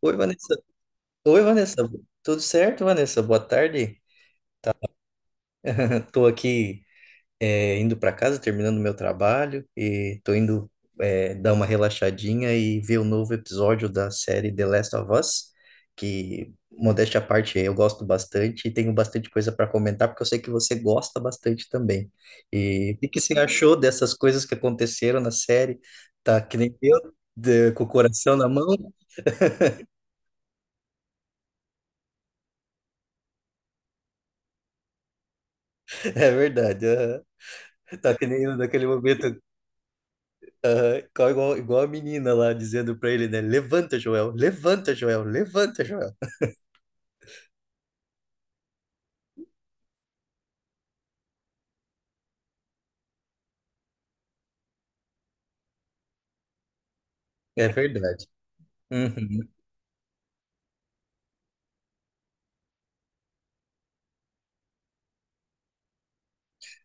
Oi, Vanessa. Oi, Vanessa. Tudo certo, Vanessa? Boa tarde. Estou aqui indo para casa, terminando meu trabalho e estou indo dar uma relaxadinha e ver o novo episódio da série The Last of Us, que, modéstia à parte, eu gosto bastante e tenho bastante coisa para comentar, porque eu sei que você gosta bastante também. E o que que você achou dessas coisas que aconteceram na série? Tá que nem eu, com o coração na mão? É verdade. Aham. Tá que nem eu naquele momento. Aham, igual a menina lá dizendo pra ele, né? Levanta, Joel, levanta, Joel, levanta, Joel. É verdade. Uhum.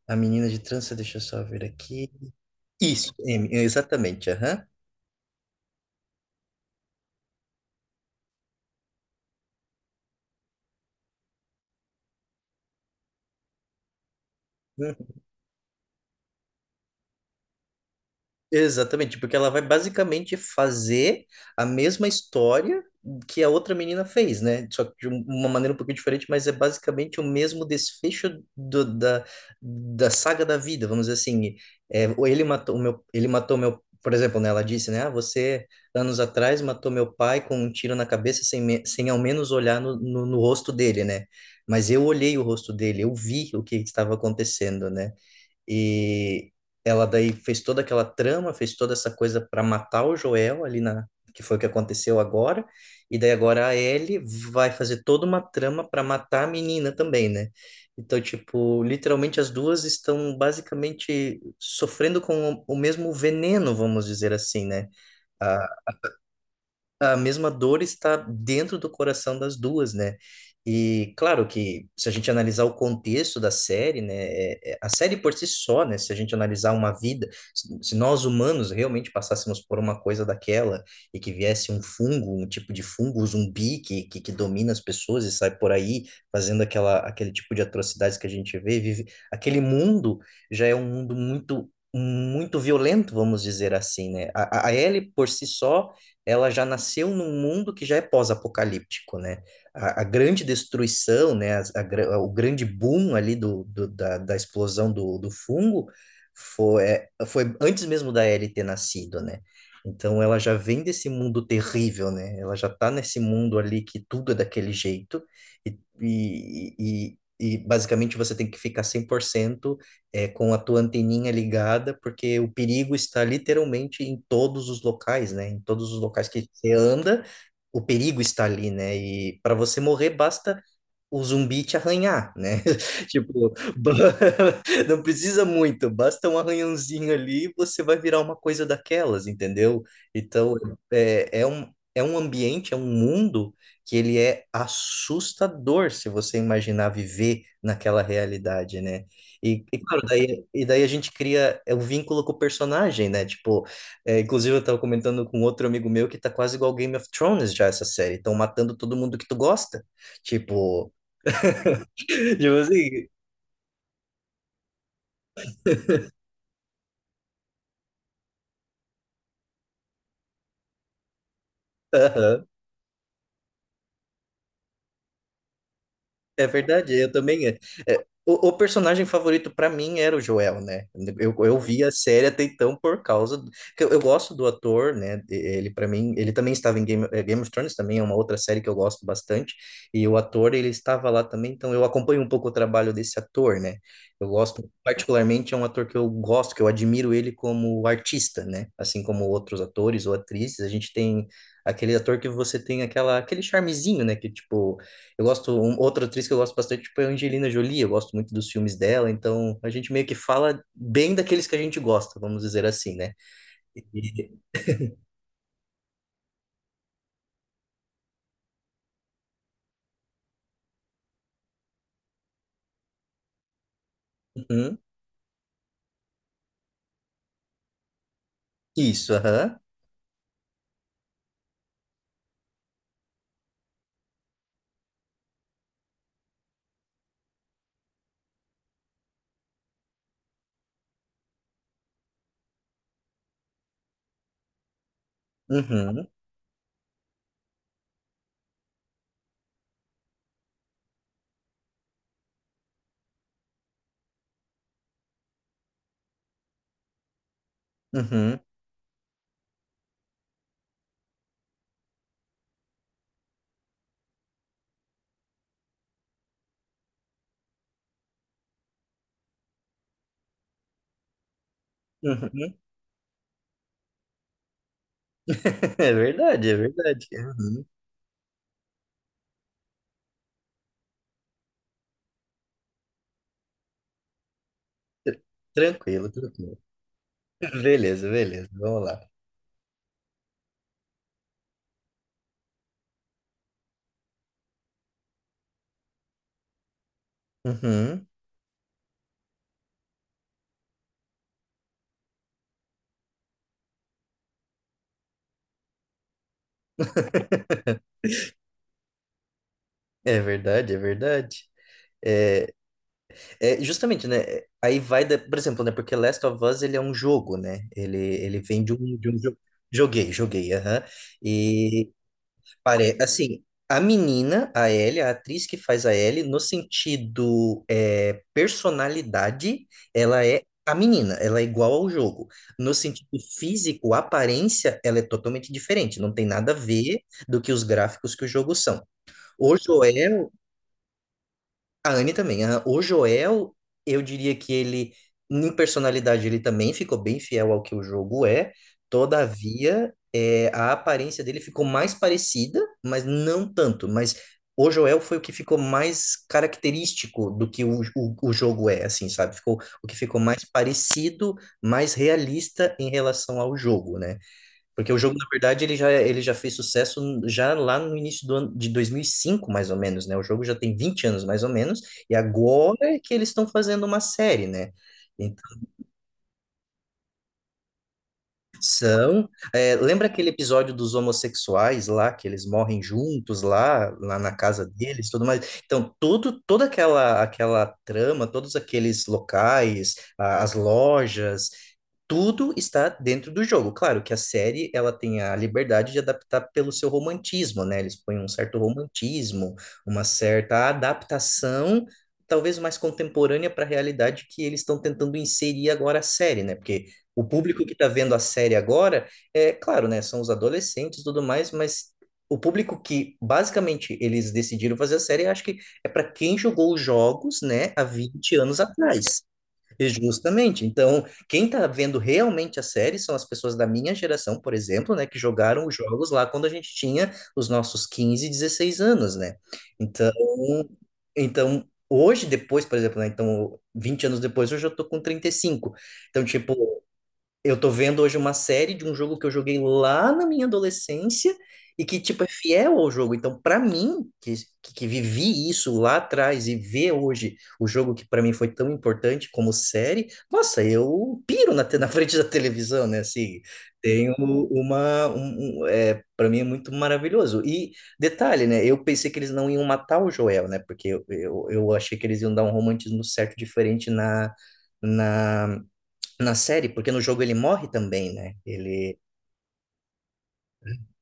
A menina de trança, deixa eu só ver aqui. Isso, M, exatamente, aham. Exatamente, porque ela vai basicamente fazer a mesma história que a outra menina fez, né? Só que uma maneira um pouquinho diferente, mas é basicamente o mesmo desfecho da, da saga da vida, vamos dizer assim. É, ou ele matou o meu, ele matou meu, por exemplo, né? Ela disse, né? Ah, você anos atrás matou meu pai com um tiro na cabeça sem, sem ao menos olhar no, no rosto dele, né? Mas eu olhei o rosto dele, eu vi o que estava acontecendo, né? E ela daí fez toda aquela trama, fez toda essa coisa para matar o Joel ali na que foi o que aconteceu agora. E daí agora a Ellie vai fazer toda uma trama para matar a menina também, né? Então, tipo, literalmente as duas estão basicamente sofrendo com o mesmo veneno, vamos dizer assim, né? A mesma dor está dentro do coração das duas, né? E claro que se a gente analisar o contexto da série, né, a série por si só, né, se a gente analisar uma vida, se nós humanos realmente passássemos por uma coisa daquela e que viesse um fungo, um tipo de fungo, um zumbi que domina as pessoas e sai por aí fazendo aquele tipo de atrocidades que a gente vê, vive, aquele mundo já é um mundo muito, muito violento, vamos dizer assim, né? A Ellie por si só, ela já nasceu num mundo que já é pós-apocalíptico, né? A grande destruição, né? O grande boom ali da explosão do fungo foi, foi antes mesmo da Ellie ter nascido, né? Então ela já vem desse mundo terrível, né? Ela já tá nesse mundo ali que tudo é daquele jeito e, e, e basicamente você tem que ficar 100% com a tua anteninha ligada, porque o perigo está literalmente em todos os locais, né? Em todos os locais que você anda, o perigo está ali, né? E para você morrer, basta o zumbi te arranhar, né? Tipo, ba- não precisa muito, basta um arranhãozinho ali e você vai virar uma coisa daquelas, entendeu? Então, é, é um, é um ambiente, é um mundo que ele é assustador se você imaginar viver naquela realidade, né? E daí a gente cria o vínculo com o personagem, né? Tipo, é, inclusive eu tava comentando com outro amigo meu que tá quase igual Game of Thrones já essa série, estão matando todo mundo que tu gosta. Tipo, tipo assim. Aham. É verdade, eu também. É. É, o personagem favorito pra mim era o Joel, né? Eu vi a série até então por causa do, que eu gosto do ator, né? Ele para mim, ele também estava em Game, Game of Thrones, também é uma outra série que eu gosto bastante. E o ator, ele estava lá também, então eu acompanho um pouco o trabalho desse ator, né? Eu gosto particularmente, é um ator que eu gosto, que eu admiro ele como artista, né? Assim como outros atores ou atrizes, a gente tem aquele ator que você tem aquela aquele charmezinho, né? Que tipo eu gosto, outra atriz que eu gosto bastante, tipo, é a Angelina Jolie, eu gosto muito dos filmes dela, então a gente meio que fala bem daqueles que a gente gosta, vamos dizer assim, né? E- Uhum. Isso, aham. Uhum. Uhum. Uhum. É verdade, é verdade. Uhum. Tr- Tranquilo, tranquilo. Beleza, beleza, vamos lá. Uhum. É verdade, é verdade. É, é, justamente, né? Aí vai, por exemplo, né? Porque Last of Us, ele é um jogo, né? Ele vem de um jogo. Joguei, joguei, aham. E pare, assim, a menina, a Ellie, a atriz que faz a Ellie, no sentido personalidade, ela é a menina, ela é igual ao jogo. No sentido físico, a aparência, ela é totalmente diferente. Não tem nada a ver do que os gráficos que o jogo são. O Joel, a Anne também. Aham. O Joel, eu diria que ele, em personalidade, ele também ficou bem fiel ao que o jogo é. Todavia, é, a aparência dele ficou mais parecida, mas não tanto. Mas o Joel foi o que ficou mais característico do que o jogo é, assim, sabe? Ficou o que ficou mais parecido, mais realista em relação ao jogo, né? Porque o jogo, na verdade, ele já fez sucesso já lá no início do ano de 2005, mais ou menos, né? O jogo já tem 20 anos, mais ou menos, e agora é que eles estão fazendo uma série, né? Então, são... é, lembra aquele episódio dos homossexuais lá, que eles morrem juntos lá, lá na casa deles, tudo mais? Então, tudo, aquela trama, todos aqueles locais, as lojas, tudo está dentro do jogo. Claro que a série, ela tem a liberdade de adaptar pelo seu romantismo, né? Eles põem um certo romantismo, uma certa adaptação, talvez mais contemporânea para a realidade que eles estão tentando inserir agora a série, né? Porque o público que está vendo a série agora, é claro, né? São os adolescentes e tudo mais, mas o público que basicamente eles decidiram fazer a série, eu acho que é para quem jogou os jogos, né, há 20 anos atrás. Justamente. Então, quem está vendo realmente a série são as pessoas da minha geração, por exemplo, né, que jogaram os jogos lá quando a gente tinha os nossos 15, 16 anos, né? Então, então hoje depois, por exemplo, né, então 20 anos depois, hoje eu tô com 35. Então, tipo, eu tô vendo hoje uma série de um jogo que eu joguei lá na minha adolescência e que, tipo, é fiel ao jogo. Então, pra mim, que vivi isso lá atrás e ver hoje o jogo que pra mim foi tão importante como série, nossa, eu piro na, na frente da televisão, né? Assim, tenho uma... para mim é muito maravilhoso. E detalhe, né? Eu pensei que eles não iam matar o Joel, né? Porque eu achei que eles iam dar um romantismo certo diferente na... Na, na série, porque no jogo ele morre também, né? Ele,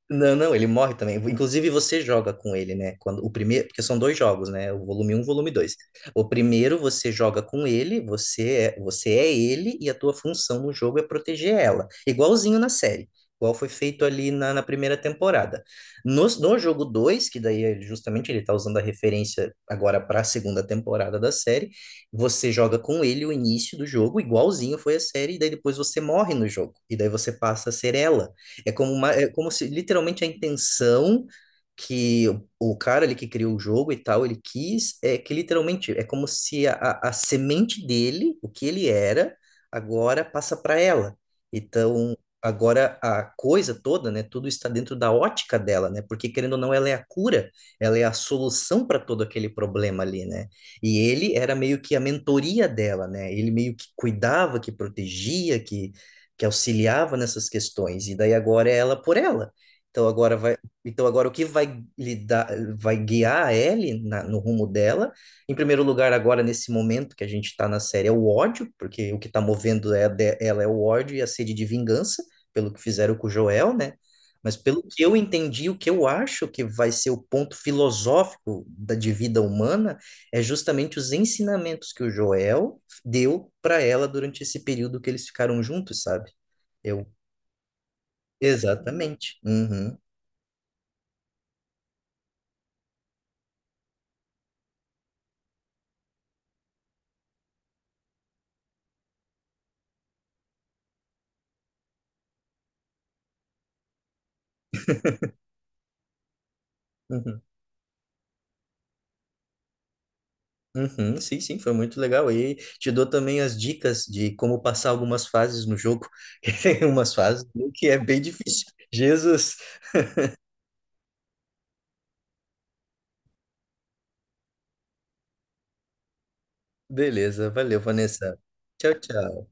não, não, ele morre também. Inclusive, você joga com ele, né? Quando o primeiro, porque são dois jogos, né? O volume um e o volume 2. O primeiro você joga com ele, você é ele, e a tua função no jogo é proteger ela. Igualzinho na série. Igual foi feito ali na, na primeira temporada. No jogo 2, que daí é justamente ele tá usando a referência agora para a segunda temporada da série, você joga com ele o início do jogo, igualzinho foi a série, e daí depois você morre no jogo. E daí você passa a ser ela. É como se literalmente a intenção que o cara ali que criou o jogo e tal, ele quis, é que literalmente é como se a semente dele, o que ele era, agora passa para ela. Então, agora a coisa toda, né, tudo está dentro da ótica dela, né? Porque querendo ou não, ela é a cura, ela é a solução para todo aquele problema ali, né? E ele era meio que a mentoria dela, né? Ele meio que cuidava, que protegia, que auxiliava nessas questões, e daí agora é ela por ela. Então agora vai, então agora o que vai lidar, vai guiar a Ellie no rumo dela? Em primeiro lugar, agora nesse momento que a gente está na série é o ódio, porque o que está movendo é ela é o ódio e a sede de vingança pelo que fizeram com o Joel, né? Mas pelo que eu entendi, o que eu acho que vai ser o ponto filosófico da de vida humana é justamente os ensinamentos que o Joel deu para ela durante esse período que eles ficaram juntos, sabe? Eu, exatamente. Uhum, uhum, uhum. Sim, sim, foi muito legal. E te dou também as dicas de como passar algumas fases no jogo, que tem umas fases que é bem difícil. Jesus. Beleza, valeu, Vanessa. Tchau, tchau.